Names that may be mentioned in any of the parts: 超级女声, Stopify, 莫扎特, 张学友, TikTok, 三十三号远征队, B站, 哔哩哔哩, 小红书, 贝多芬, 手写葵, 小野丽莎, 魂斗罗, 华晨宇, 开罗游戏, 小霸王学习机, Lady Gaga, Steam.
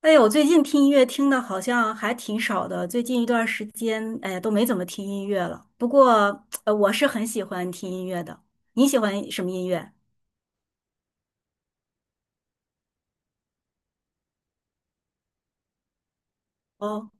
哎呦，我最近听音乐听的好像还挺少的，最近一段时间，哎呀，都没怎么听音乐了。不过，我是很喜欢听音乐的。你喜欢什么音乐？哦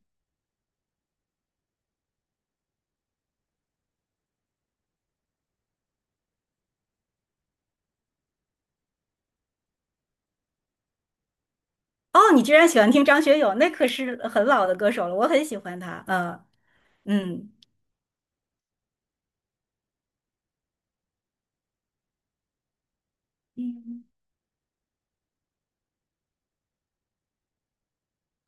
哦，你居然喜欢听张学友，那可是很老的歌手了，我很喜欢他。嗯嗯，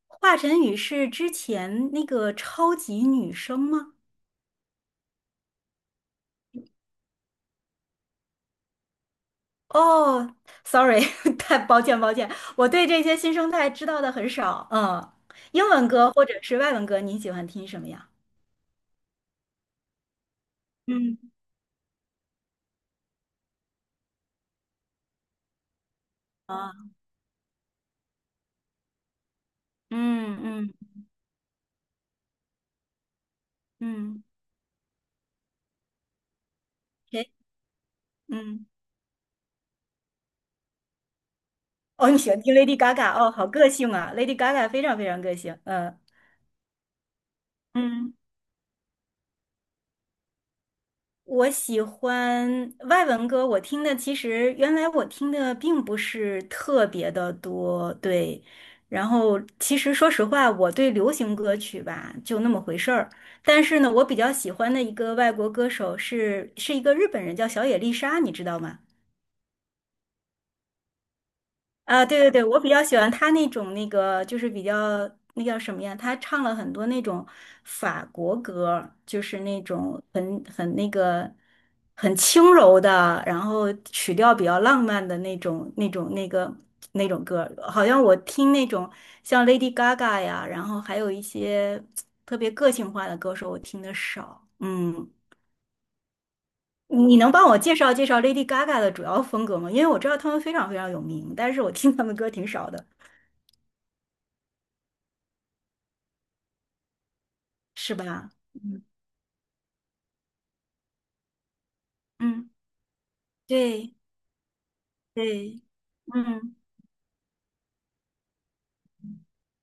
华晨宇是之前那个超级女声吗？哦，sorry，太抱歉抱歉，我对这些新生代知道的很少。嗯，英文歌或者是外文歌，你喜欢听什么呀？嗯。啊，嗯嗯嗯谁？嗯哦，你喜欢听 Lady Gaga 哦，好个性啊，Lady Gaga 非常非常个性。嗯，嗯我喜欢外文歌，我听的其实原来我听的并不是特别的多，对。然后其实说实话，我对流行歌曲吧就那么回事儿。但是呢，我比较喜欢的一个外国歌手是是一个日本人，叫小野丽莎，你知道吗？啊，对对对，我比较喜欢他那种那个，就是比较那叫什么呀？他唱了很多那种法国歌儿就是那种很那个很轻柔的，然后曲调比较浪漫的那种那个那种歌儿好像我听那种像 Lady Gaga 呀，然后还有一些特别个性化的歌手，我听的少。嗯，你能帮我介绍介绍 Lady Gaga 的主要风格吗？因为我知道他们非常非常有名，但是我听他们歌挺少的。是吧？嗯嗯，对对，嗯，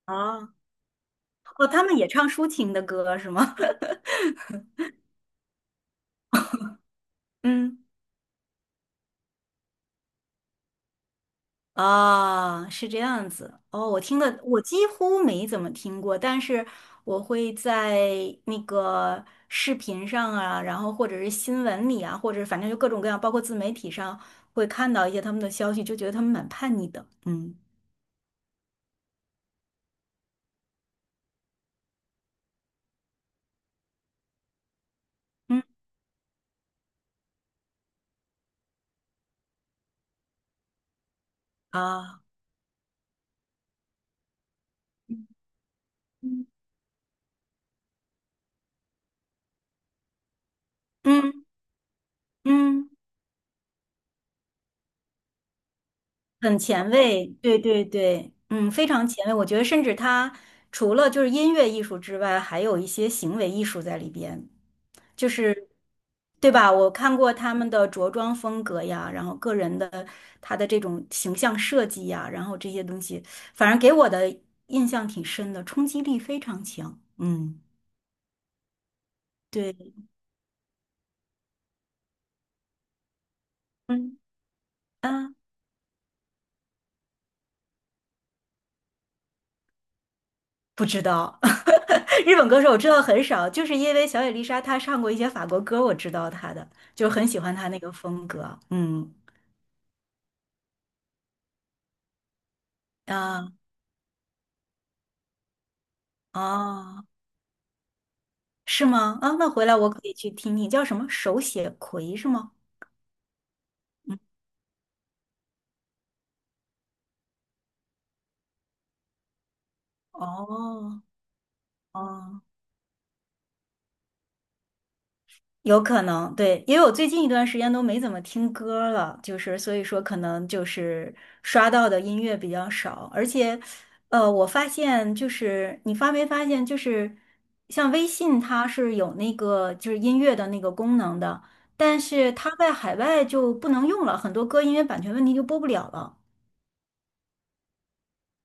哦哦，他们也唱抒情的歌是吗？嗯，啊，是这样子。哦，我听的我几乎没怎么听过，但是我会在那个视频上啊，然后或者是新闻里啊，或者反正就各种各样，包括自媒体上会看到一些他们的消息，就觉得他们蛮叛逆的。嗯嗯啊，嗯嗯嗯。很前卫，对对对，嗯，非常前卫。我觉得，甚至他除了就是音乐艺术之外，还有一些行为艺术在里边，就是对吧？我看过他们的着装风格呀，然后个人的他的这种形象设计呀，然后这些东西，反正给我的印象挺深的，冲击力非常强。嗯，对，嗯啊，不知道。日本歌手我知道很少，就是因为小野丽莎她唱过一些法国歌，我知道她的，就很喜欢她那个风格。嗯啊哦，是吗？啊，那回来我可以去听听，叫什么手写葵是吗？嗯，哦哦。有可能，对，因为我最近一段时间都没怎么听歌了，就是所以说可能就是刷到的音乐比较少，而且，我发现就是你发没发现，就是像微信它是有那个就是音乐的那个功能的，但是它在海外就不能用了，很多歌因为版权问题就播不了了，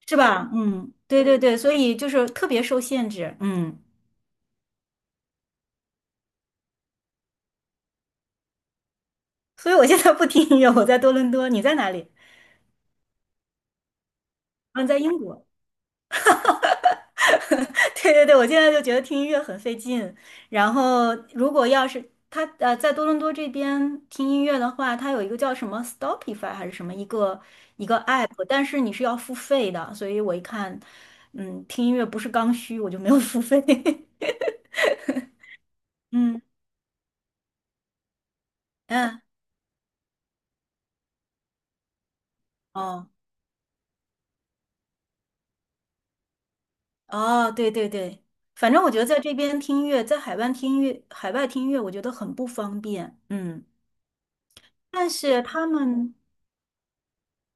是吧？嗯，对对对，所以就是特别受限制，所以我现在不听音乐，我在多伦多，你在哪里？嗯，在英国。对对对，我现在就觉得听音乐很费劲。然后，如果要是他在多伦多这边听音乐的话，他有一个叫什么 Stopify 还是什么一个一个 app，但是你是要付费的。所以我一看，听音乐不是刚需，我就没有付费。嗯嗯，哦哦，对对对，反正我觉得在这边听音乐，在海外听音乐，海外听音乐，我觉得很不方便。嗯，但是他们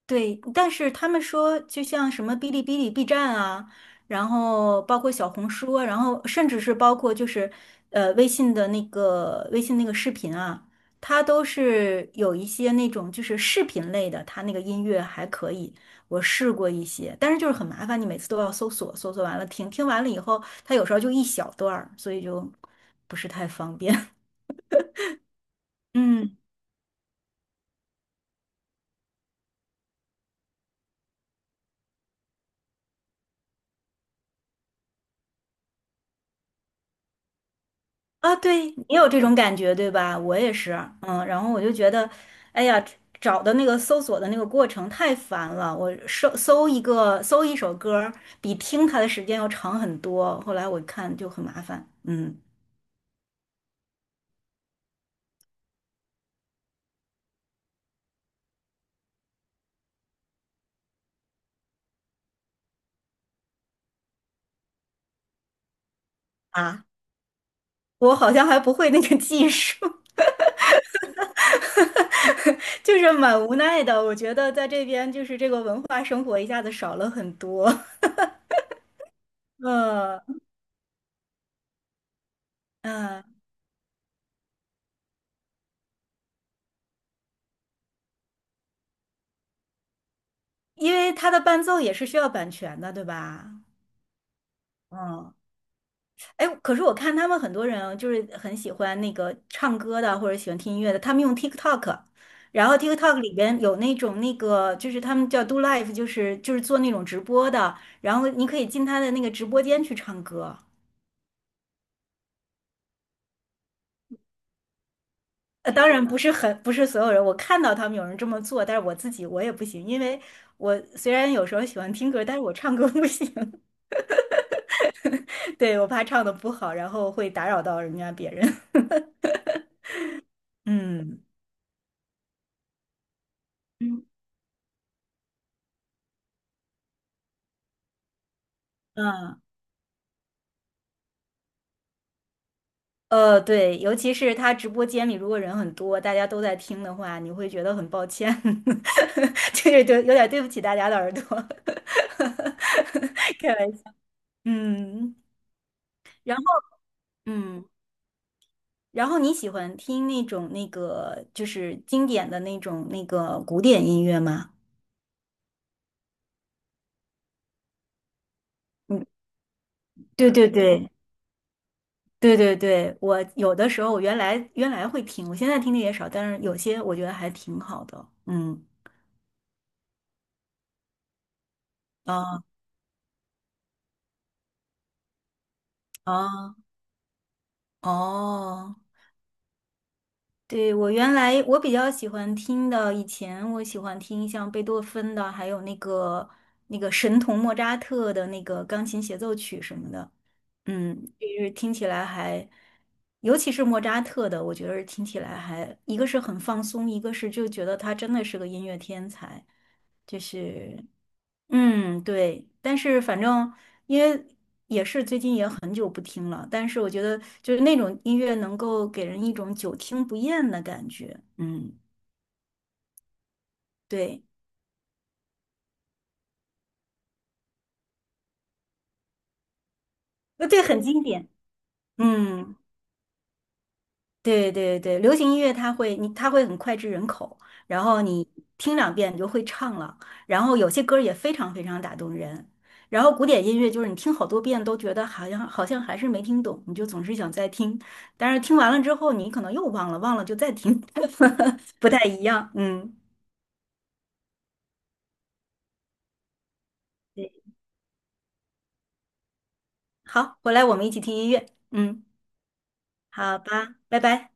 对，但是他们说，就像什么哔哩哔哩、B 站啊，然后包括小红书啊然后甚至是包括就是微信那个视频啊，它都是有一些那种就是视频类的，它那个音乐还可以，我试过一些，但是就是很麻烦，你每次都要搜索，搜索完了听，听完了以后，它有时候就一小段儿，所以就不是太方便。嗯。啊，对，你有这种感觉，对吧？我也是，然后我就觉得，哎呀，找的那个搜索的那个过程太烦了，我搜一首歌儿，比听它的时间要长很多。后来我看就很麻烦，啊，我好像还不会那个技术，就是蛮无奈的。我觉得在这边就是这个文化生活一下子少了很多，嗯嗯，因为它的伴奏也是需要版权的，对吧？嗯。哎，可是我看他们很多人啊就是很喜欢那个唱歌的，或者喜欢听音乐的，他们用 TikTok，然后 TikTok 里边有那种那个，就是他们叫 do live，就是做那种直播的，然后你可以进他的那个直播间去唱歌。当然不是很不是所有人，我看到他们有人这么做，但是我自己我也不行，因为我虽然有时候喜欢听歌，但是我唱歌不行，对，我怕唱的不好，然后会打扰到人家别人。嗯嗯，嗯。对，尤其是他直播间里如果人很多，大家都在听的话，你会觉得很抱歉，就是对，有点对不起大家的耳朵，开玩笑。嗯，然后嗯，你喜欢听那种那个就是经典的那种那个古典音乐吗？嗯，对对对对对对，我有的时候我原来原来会听，我现在听的也少，但是有些我觉得还挺好的。嗯，啊啊哦。对，我原来我比较喜欢听的，以前我喜欢听像贝多芬的，还有那个神童莫扎特的那个钢琴协奏曲什么的，嗯，就是听起来还，尤其是莫扎特的，我觉得是听起来还，一个是很放松，一个是就觉得他真的是个音乐天才，就是对，但是反正因为也是最近也很久不听了，但是我觉得就是那种音乐能够给人一种久听不厌的感觉。嗯，对，对，很经典。嗯。对对对，流行音乐它会很脍炙人口，然后你听两遍你就会唱了，然后有些歌儿也非常非常打动人。然后古典音乐就是你听好多遍都觉得好像还是没听懂，你就总是想再听，但是听完了之后你可能又忘了，忘了就再听，不太一样。嗯，对好，回来我们一起听音乐。嗯，好吧，拜拜。